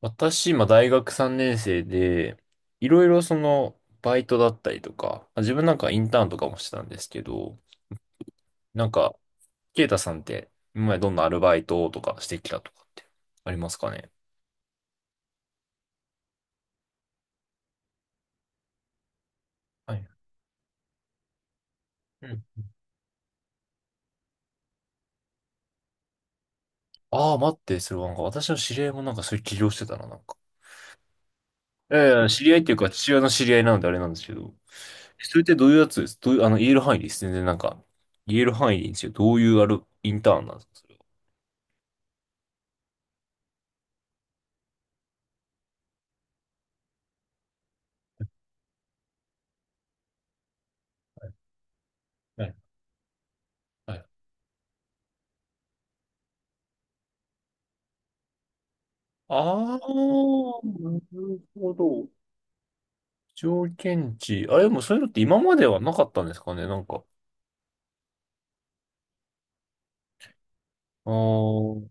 私、今、大学3年生で、いろいろバイトだったりとか、自分インターンとかもしてたんですけど、なんか、ケイタさんって、今までどんなアルバイトとかしてきたとかってありますかね？はい。うん。ああ、待って、それはなんか、私の知り合いもなんかそういう起業してたな、なんか。いやいや、知り合いっていうか、父親の知り合いなのであれなんですけど、それってどういうやつです？どういう、言える範囲です。全然なんか、言える範囲でいいんですよ。どういうある、インターンなんですかそれは。はい。ああ、なるほど。条件値。あれ、でもそういうのって今まではなかったんですかね、なんか。あー。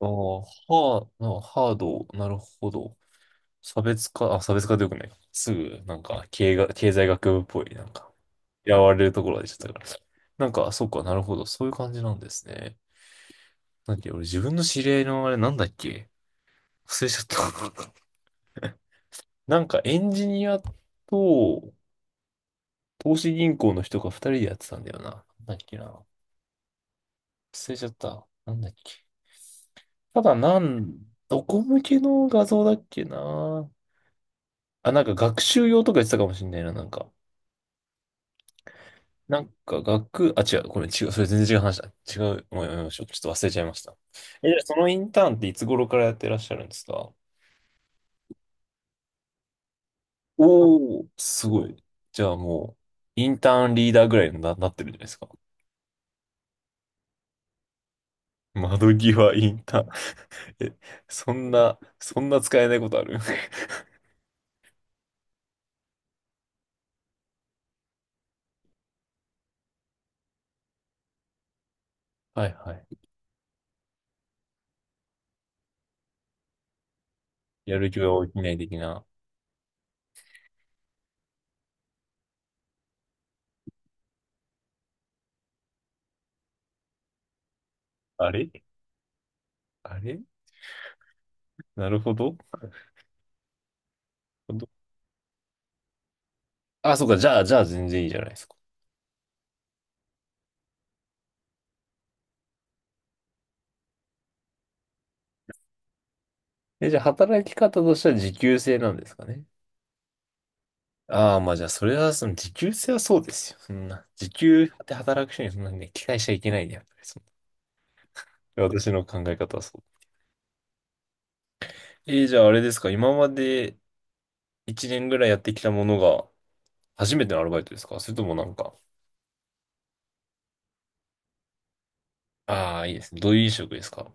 あー、ハー、なハード、なるほど。差別化、あ、差別化でよくないか。すぐ、なんか、経が、経済学部っぽい、なんか、嫌われるところが出ちゃったから。なんか、そっか、なるほど。そういう感じなんですね。なんだっけ、俺自分の知り合いのあれなんだっけ。忘れちゃった。なんか、エンジニアと、投資銀行の人が二人でやってたんだよな。なんだっけな。忘れちゃった。なんだっけ。ただなん、どこ向けの画像だっけな。あ、なんか学習用とか言ってたかもしんないな、なんか。なんか学、あ、違う、これ違う、それ全然違う話だ。違う、もうやめましょう。ちょっと忘れちゃいました。え、じゃあそのインターンっていつ頃からやってらっしゃるんですか？おおー、すごい。じゃあもう、インターンリーダーぐらいにな、なってるんじゃないですか？窓際インターン。え、そんな、そんな使えないことある？ はいはい。やる気が起きない的な。あれ。あれ。なるほど。ど。あ、そうか。じゃあ、じゃあ全然いいじゃないですか。え、じゃあ働き方としては時給制なんですかね？ああ、まあじゃあ、それは、その時給制はそうですよ。そんな。時給で働く人にそんなにね、期待しちゃいけないね。やっぱりその私の考え方はそう。えー、じゃああれですか。今まで1年ぐらいやってきたものが初めてのアルバイトですか？それともなんか、ああ、いいですね。どういう飲食ですか？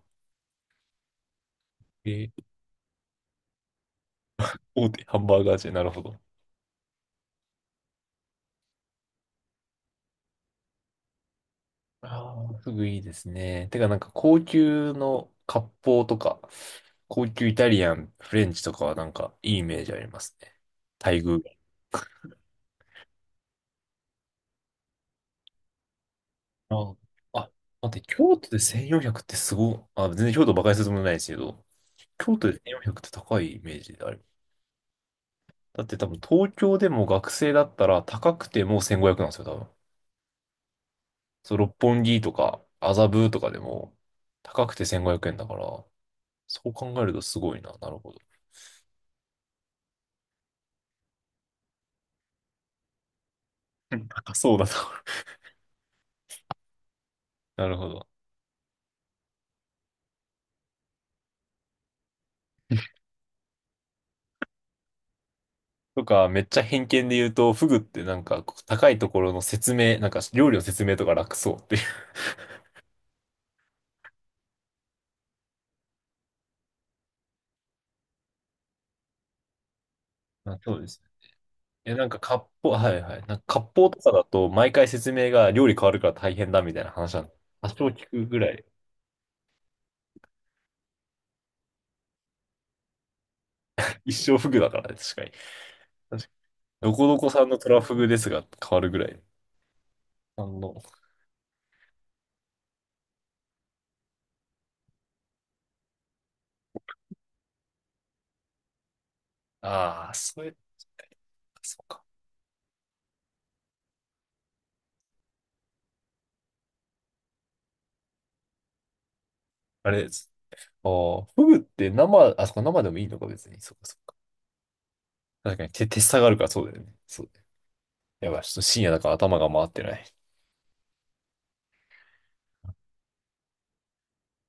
えー。大手ハンバーガーチェーン、なるほど。ああ、フグいいですね。てかなんか高級の割烹とか、高級イタリアン、フレンチとかはなんかいいイメージありますね。待遇。ああ、待って、京都で1,400ってすごい、あ、全然京都馬鹿にするつもりないですけど、京都で1,400って高いイメージである。だって多分東京でも学生だったら高くても1,500なんですよ、多分。そう、六本木とか麻布とかでも高くて1,500円だから、そう考えるとすごいな。なるほど。高そうだな。なるほど。とか、めっちゃ偏見で言うと、フグってなんかこう高いところの説明、なんか料理の説明とか楽そうっていう。あ、そうですね。え、なんか割烹、はいはい。なんか割烹とかだと、毎回説明が料理変わるから大変だみたいな話なんで、多少聞くぐらい。一生フグだからね、確かに。確かに。どこどこさんのトラフグですが変わるぐらい。あの、ああ、そうや、そうか。あれです。ああ、フグって生、あ、そこ生でもいいのか別に。そうかそうか。確かに手、手下がるからそうだよね。そうだよ。やばい、ちょっと深夜だから頭が回ってない。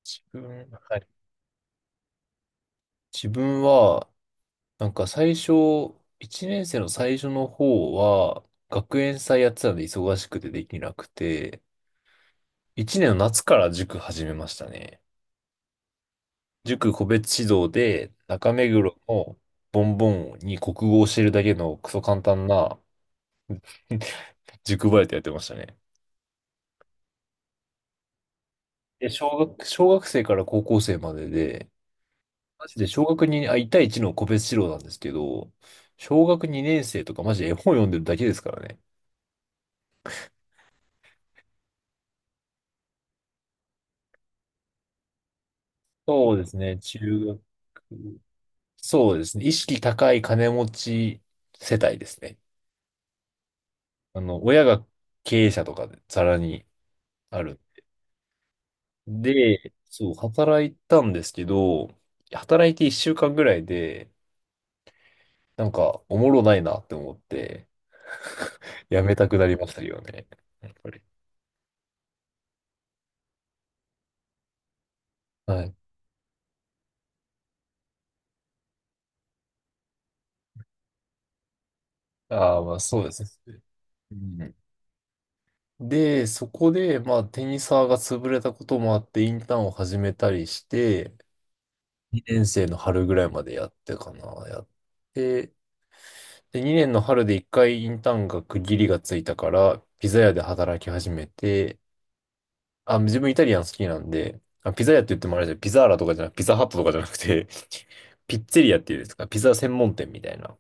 自分、はい。自分は、なんか最初、1年生の最初の方は、学園祭やってたんで忙しくてできなくて、1年の夏から塾始めましたね。塾個別指導で、中目黒のボンボンに国語を教えるだけのクソ簡単な塾バイトやってましたね。で、小学、小学生から高校生までで、マジで小学にあ、1対1の個別指導なんですけど、小学2年生とかマジで絵本読んでるだけですからね。そうですね。中学、そうですね。意識高い金持ち世帯ですね。あの、親が経営者とかでざらにある。で、そう、働いたんですけど、働いて1週間ぐらいで、なんか、おもろないなって思って、やめたくなりましたよね。やっぱり。はい。ああ、まあそうですね。うん。で、そこで、まあ、テニサーが潰れたこともあって、インターンを始めたりして、2年生の春ぐらいまでやってかな、やって、で、2年の春で1回インターンが区切りがついたから、ピザ屋で働き始めて、あ、自分イタリアン好きなんで、あ、ピザ屋って言ってもあれじゃん、ピザーラとかじゃなく、ピザハットとかじゃなくて ピッツェリアっていうんですか、ピザ専門店みたいな。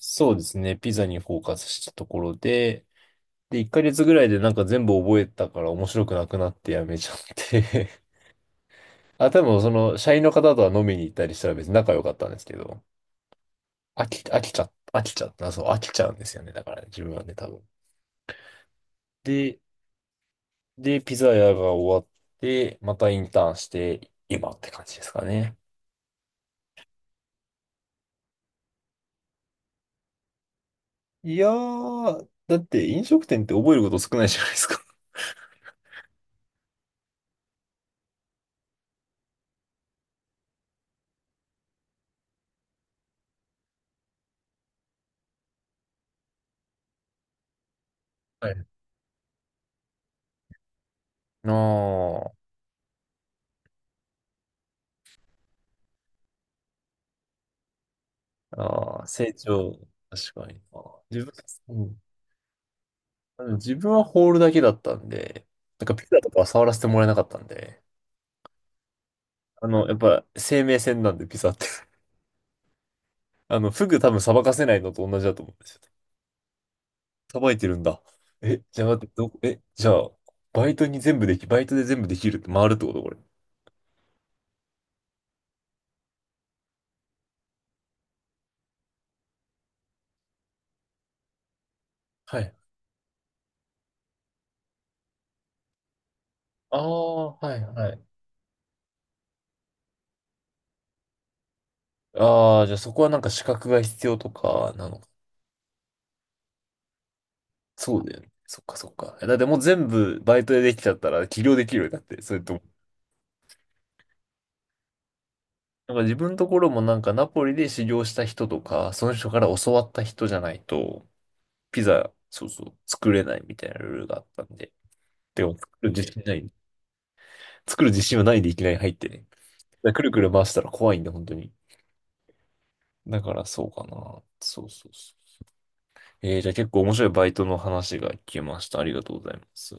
そうですね、ピザにフォーカスしたところで、で、1ヶ月ぐらいでなんか全部覚えたから面白くなくなってやめちゃって あ、多分その、社員の方とは飲みに行ったりしたら別に仲良かったんですけど、飽きちゃった、そう、飽きちゃうんですよね。だからね、自分はね、多分。で、で、ピザ屋が終わって、またインターンして、今って感じですかね。いやー、だって飲食店って覚えること少ないじゃないですか。はい。あー。あー、成長、確かにな。自分、うん、あの自分はホールだけだったんで、なんかピザとかは触らせてもらえなかったんで、あの、やっぱ生命線なんでピザって。あの、フグ多分さばかせないのと同じだと思うんですよ。さばいてるんだ。え、じゃあ待って、ど、え、じゃあ、バイトに全部でき、バイトで全部できるって回るってことこれ？はい。ああ、はい、はい。ああ、じゃあそこはなんか資格が必要とかなのか。そうだよね。そっかそっか。えだってもう全部バイトでできちゃったら起業できるよ。だって、それとも。なんか自分のところもなんかナポリで修行した人とか、その人から教わった人じゃないと、ピザ、そうそう、作れないみたいなルールがあったんで。でも作る自信ない。作る自信はないでいきなり入ってね。でくるくる回したら怖いんで、本当に。だからそうかな。そうそうそう。えー、じゃあ結構面白いバイトの話が聞けました。ありがとうございます。